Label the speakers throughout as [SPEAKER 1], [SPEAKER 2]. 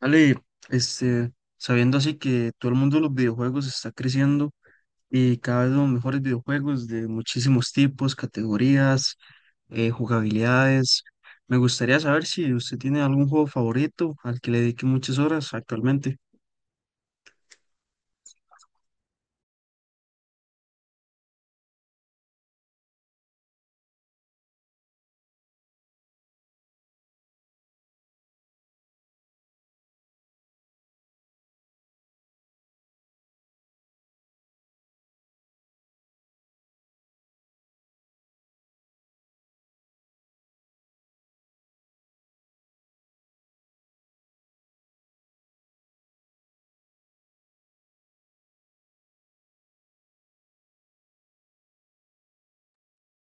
[SPEAKER 1] Ale, este, sabiendo así que todo el mundo de los videojuegos está creciendo y cada vez los mejores videojuegos de muchísimos tipos, categorías, jugabilidades, me gustaría saber si usted tiene algún juego favorito al que le dedique muchas horas actualmente.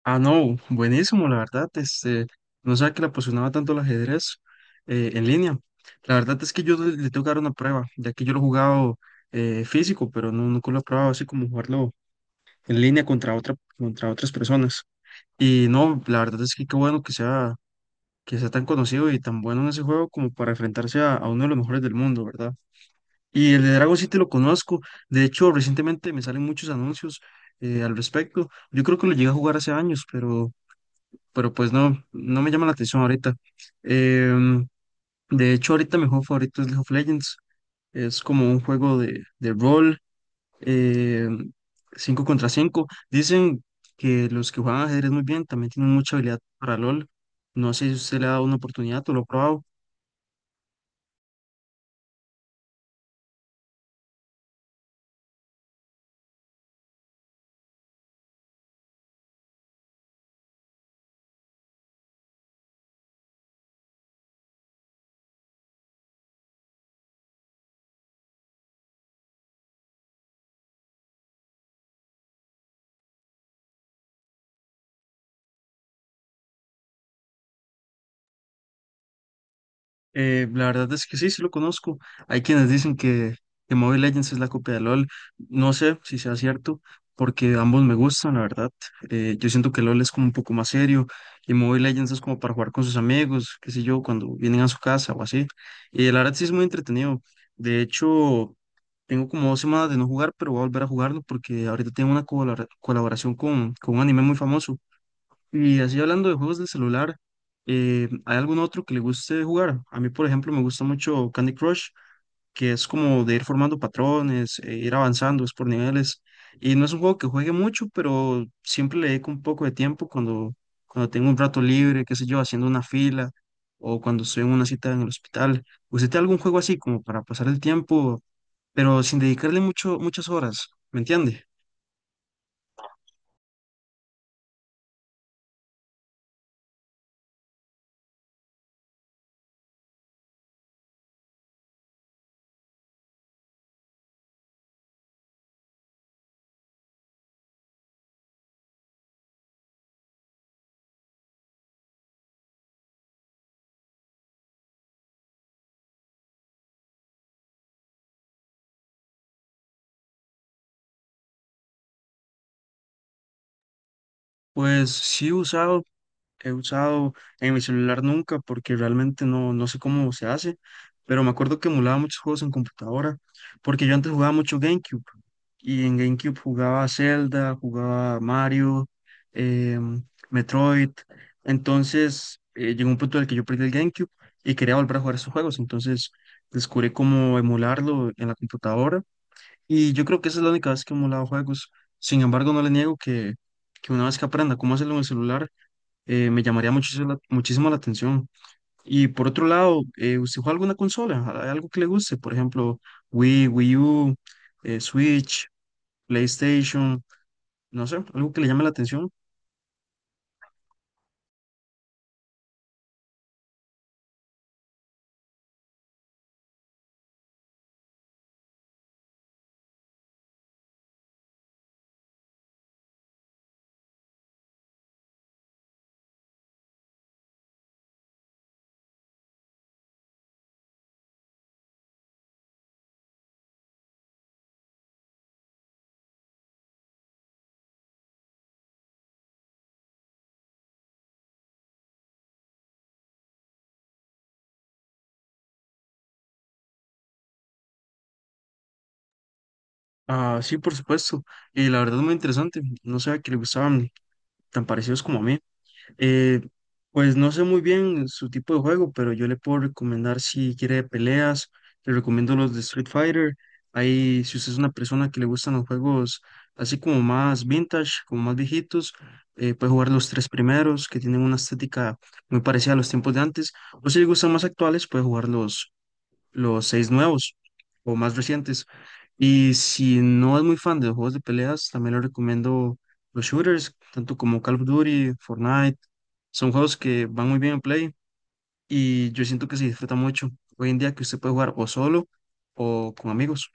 [SPEAKER 1] Ah, no, buenísimo, la verdad, no sabía que le apasionaba tanto el ajedrez en línea. La verdad es que yo le tengo que dar una prueba, ya que yo lo he jugado físico, pero no, nunca lo he probado así como jugarlo en línea contra otra, contra otras personas. Y no, la verdad es que qué bueno que sea tan conocido y tan bueno en ese juego como para enfrentarse a uno de los mejores del mundo, ¿verdad? Y el de Dragon City lo conozco. De hecho, recientemente me salen muchos anuncios al respecto. Yo creo que lo llegué a jugar hace años, pero pues no, no me llama la atención ahorita. Em, de hecho, ahorita mi juego favorito es League of Legends. Es como un juego de rol, eh, 5 contra cinco. Dicen que los que juegan ajedrez muy bien también tienen mucha habilidad para LOL. No sé si usted le ha dado una oportunidad o lo ha probado. La verdad es que sí, sí lo conozco. Hay quienes dicen que Mobile Legends es la copia de LOL. No sé si sea cierto, porque ambos me gustan, la verdad. Yo siento que LOL es como un poco más serio y Mobile Legends es como para jugar con sus amigos, qué sé yo, cuando vienen a su casa o así. Y la verdad sí es muy entretenido. De hecho, tengo como dos semanas de no jugar, pero voy a volver a jugarlo porque ahorita tengo una colaboración con un anime muy famoso. Y así hablando de juegos de celular, ¿hay algún otro que le guste jugar? A mí, por ejemplo, me gusta mucho Candy Crush, que es como de ir formando patrones, ir avanzando, es por niveles. Y no es un juego que juegue mucho, pero siempre le dedico un poco de tiempo cuando, cuando tengo un rato libre, qué sé yo, haciendo una fila o cuando estoy en una cita en el hospital. ¿Usted tiene algún juego así como para pasar el tiempo, pero sin dedicarle mucho, muchas horas? ¿Me entiende? Pues sí he usado he usado en mi celular nunca porque realmente no, no sé cómo se hace, pero me acuerdo que emulaba muchos juegos en computadora, porque yo antes jugaba mucho GameCube y en GameCube jugaba Zelda, jugaba Mario, em, Metroid, entonces llegó un punto en el que yo perdí el GameCube y quería volver a jugar esos juegos, entonces descubrí cómo emularlo en la computadora y yo creo que esa es la única vez que he emulado juegos. Sin embargo, no le niego que una vez que aprenda cómo hacerlo en el celular, me llamaría muchísimo la atención. Y por otro lado, ¿usted juega alguna consola? ¿Hay algo que le guste? Por ejemplo, Wii, Wii U, Switch, PlayStation, no sé, algo que le llame la atención. Ah, sí, por supuesto. Y la verdad es muy interesante. No sabía que le gustaban tan parecidos como a mí. Eh, pues no sé muy bien su tipo de juego, pero yo le puedo recomendar si quiere de peleas, le recomiendo los de Street Fighter. Ahí, si usted es una persona que le gustan los juegos así como más vintage, como más viejitos, puede jugar los tres primeros que tienen una estética muy parecida a los tiempos de antes. O si le gustan más actuales, puede jugar los seis nuevos o más recientes. Y si no es muy fan de los juegos de peleas, también le recomiendo los shooters, tanto como Call of Duty, Fortnite. Son juegos que van muy bien en Play y yo siento que se disfruta mucho hoy en día que usted puede jugar o solo o con amigos.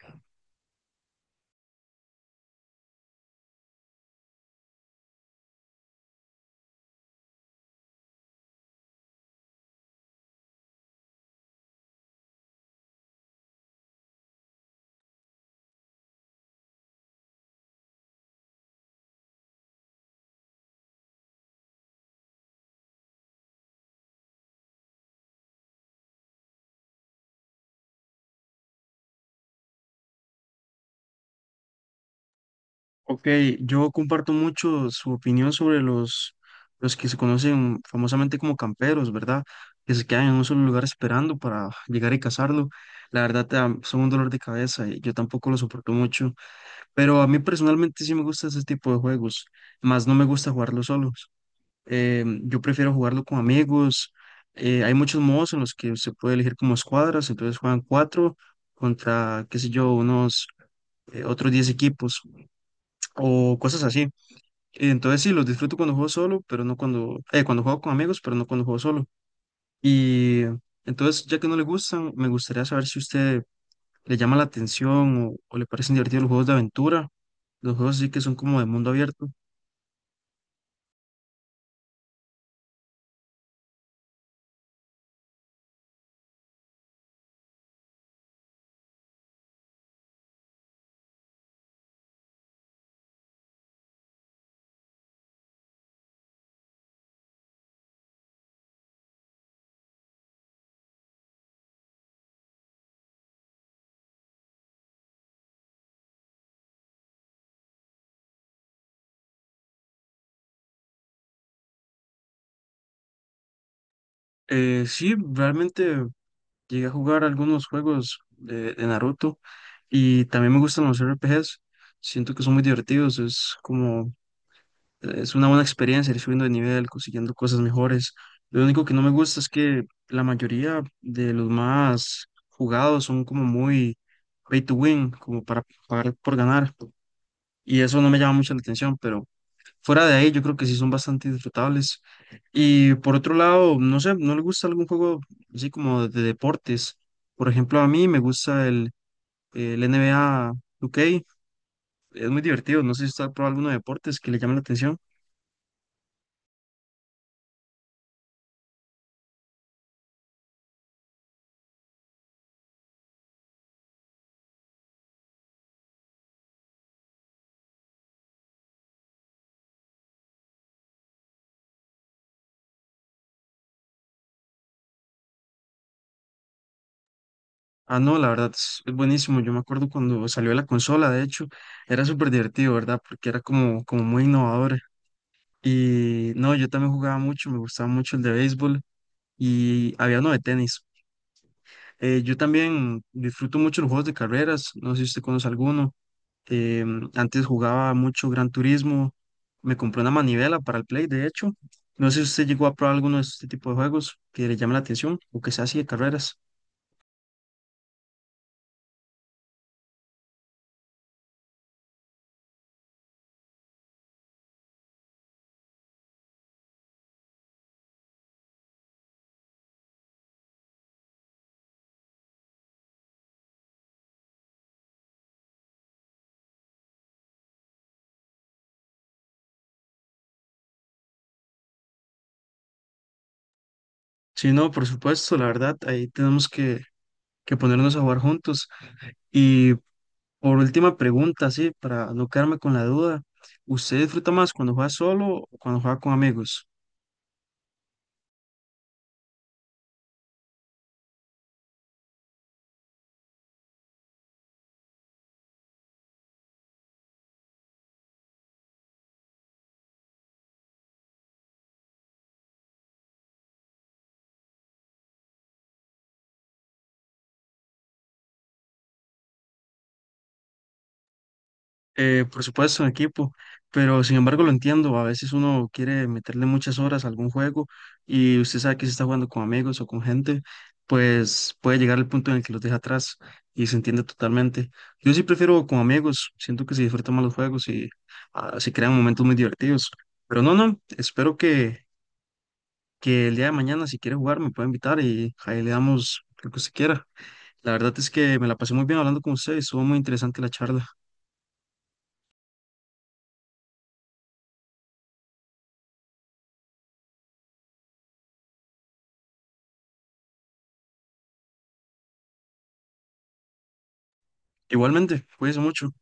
[SPEAKER 1] Ok, yo comparto mucho su opinión sobre los que se conocen famosamente como camperos, ¿verdad? Que se quedan en un solo lugar esperando para llegar y cazarlo. La verdad, son un dolor de cabeza y yo tampoco lo soporto mucho. Pero a mí personalmente sí me gusta ese tipo de juegos, más no me gusta jugarlo solos. Yo prefiero jugarlo con amigos. Hay muchos modos en los que se puede elegir como escuadras, entonces juegan cuatro contra, qué sé yo, unos otros diez equipos o cosas así. Y entonces sí, los disfruto cuando juego solo, pero no cuando, cuando juego con amigos, pero no cuando juego solo. Y entonces, ya que no le gustan, me gustaría saber si a usted le llama la atención o le parecen divertidos los juegos de aventura, los juegos sí que son como de mundo abierto. Sí, realmente llegué a jugar algunos juegos de Naruto y también me gustan los RPGs. Siento que son muy divertidos, es como… Es una buena experiencia ir subiendo de nivel, consiguiendo cosas mejores. Lo único que no me gusta es que la mayoría de los más jugados son como muy pay to win, como para pagar por ganar. Y eso no me llama mucho la atención, pero fuera de ahí yo creo que sí son bastante disfrutables. Y por otro lado, no sé, ¿no le gusta algún juego así como de deportes? Por ejemplo, a mí me gusta el N NBA 2K, es muy divertido. No sé si usted ha probado alguno de deportes que le llame la atención. Ah, no, la verdad es buenísimo. Yo me acuerdo cuando salió la consola, de hecho, era súper divertido, ¿verdad? Porque era como, como muy innovador. Y no, yo también jugaba mucho, me gustaba mucho el de béisbol y había uno de tenis. Yo también disfruto mucho los juegos de carreras, no sé si usted conoce alguno. Antes jugaba mucho Gran Turismo, me compré una manivela para el Play, de hecho. No sé si usted llegó a probar alguno de este tipo de juegos que le llame la atención o que sea así de carreras. Sí, no, por supuesto, la verdad, ahí tenemos que ponernos a jugar juntos. Y por última pregunta, sí, para no quedarme con la duda, ¿usted disfruta más cuando juega solo o cuando juega con amigos? Por supuesto, en equipo, pero sin embargo lo entiendo, a veces uno quiere meterle muchas horas a algún juego y usted sabe que si está jugando con amigos o con gente, pues puede llegar al punto en el que los deja atrás y se entiende totalmente. Yo sí prefiero con amigos, siento que se disfrutan más los juegos y se crean momentos muy divertidos. Pero no, no, espero que el día de mañana, si quiere jugar, me puede invitar y ahí le damos lo que usted quiera. La verdad es que me la pasé muy bien hablando con usted y estuvo muy interesante la charla. Igualmente, cuídense mucho.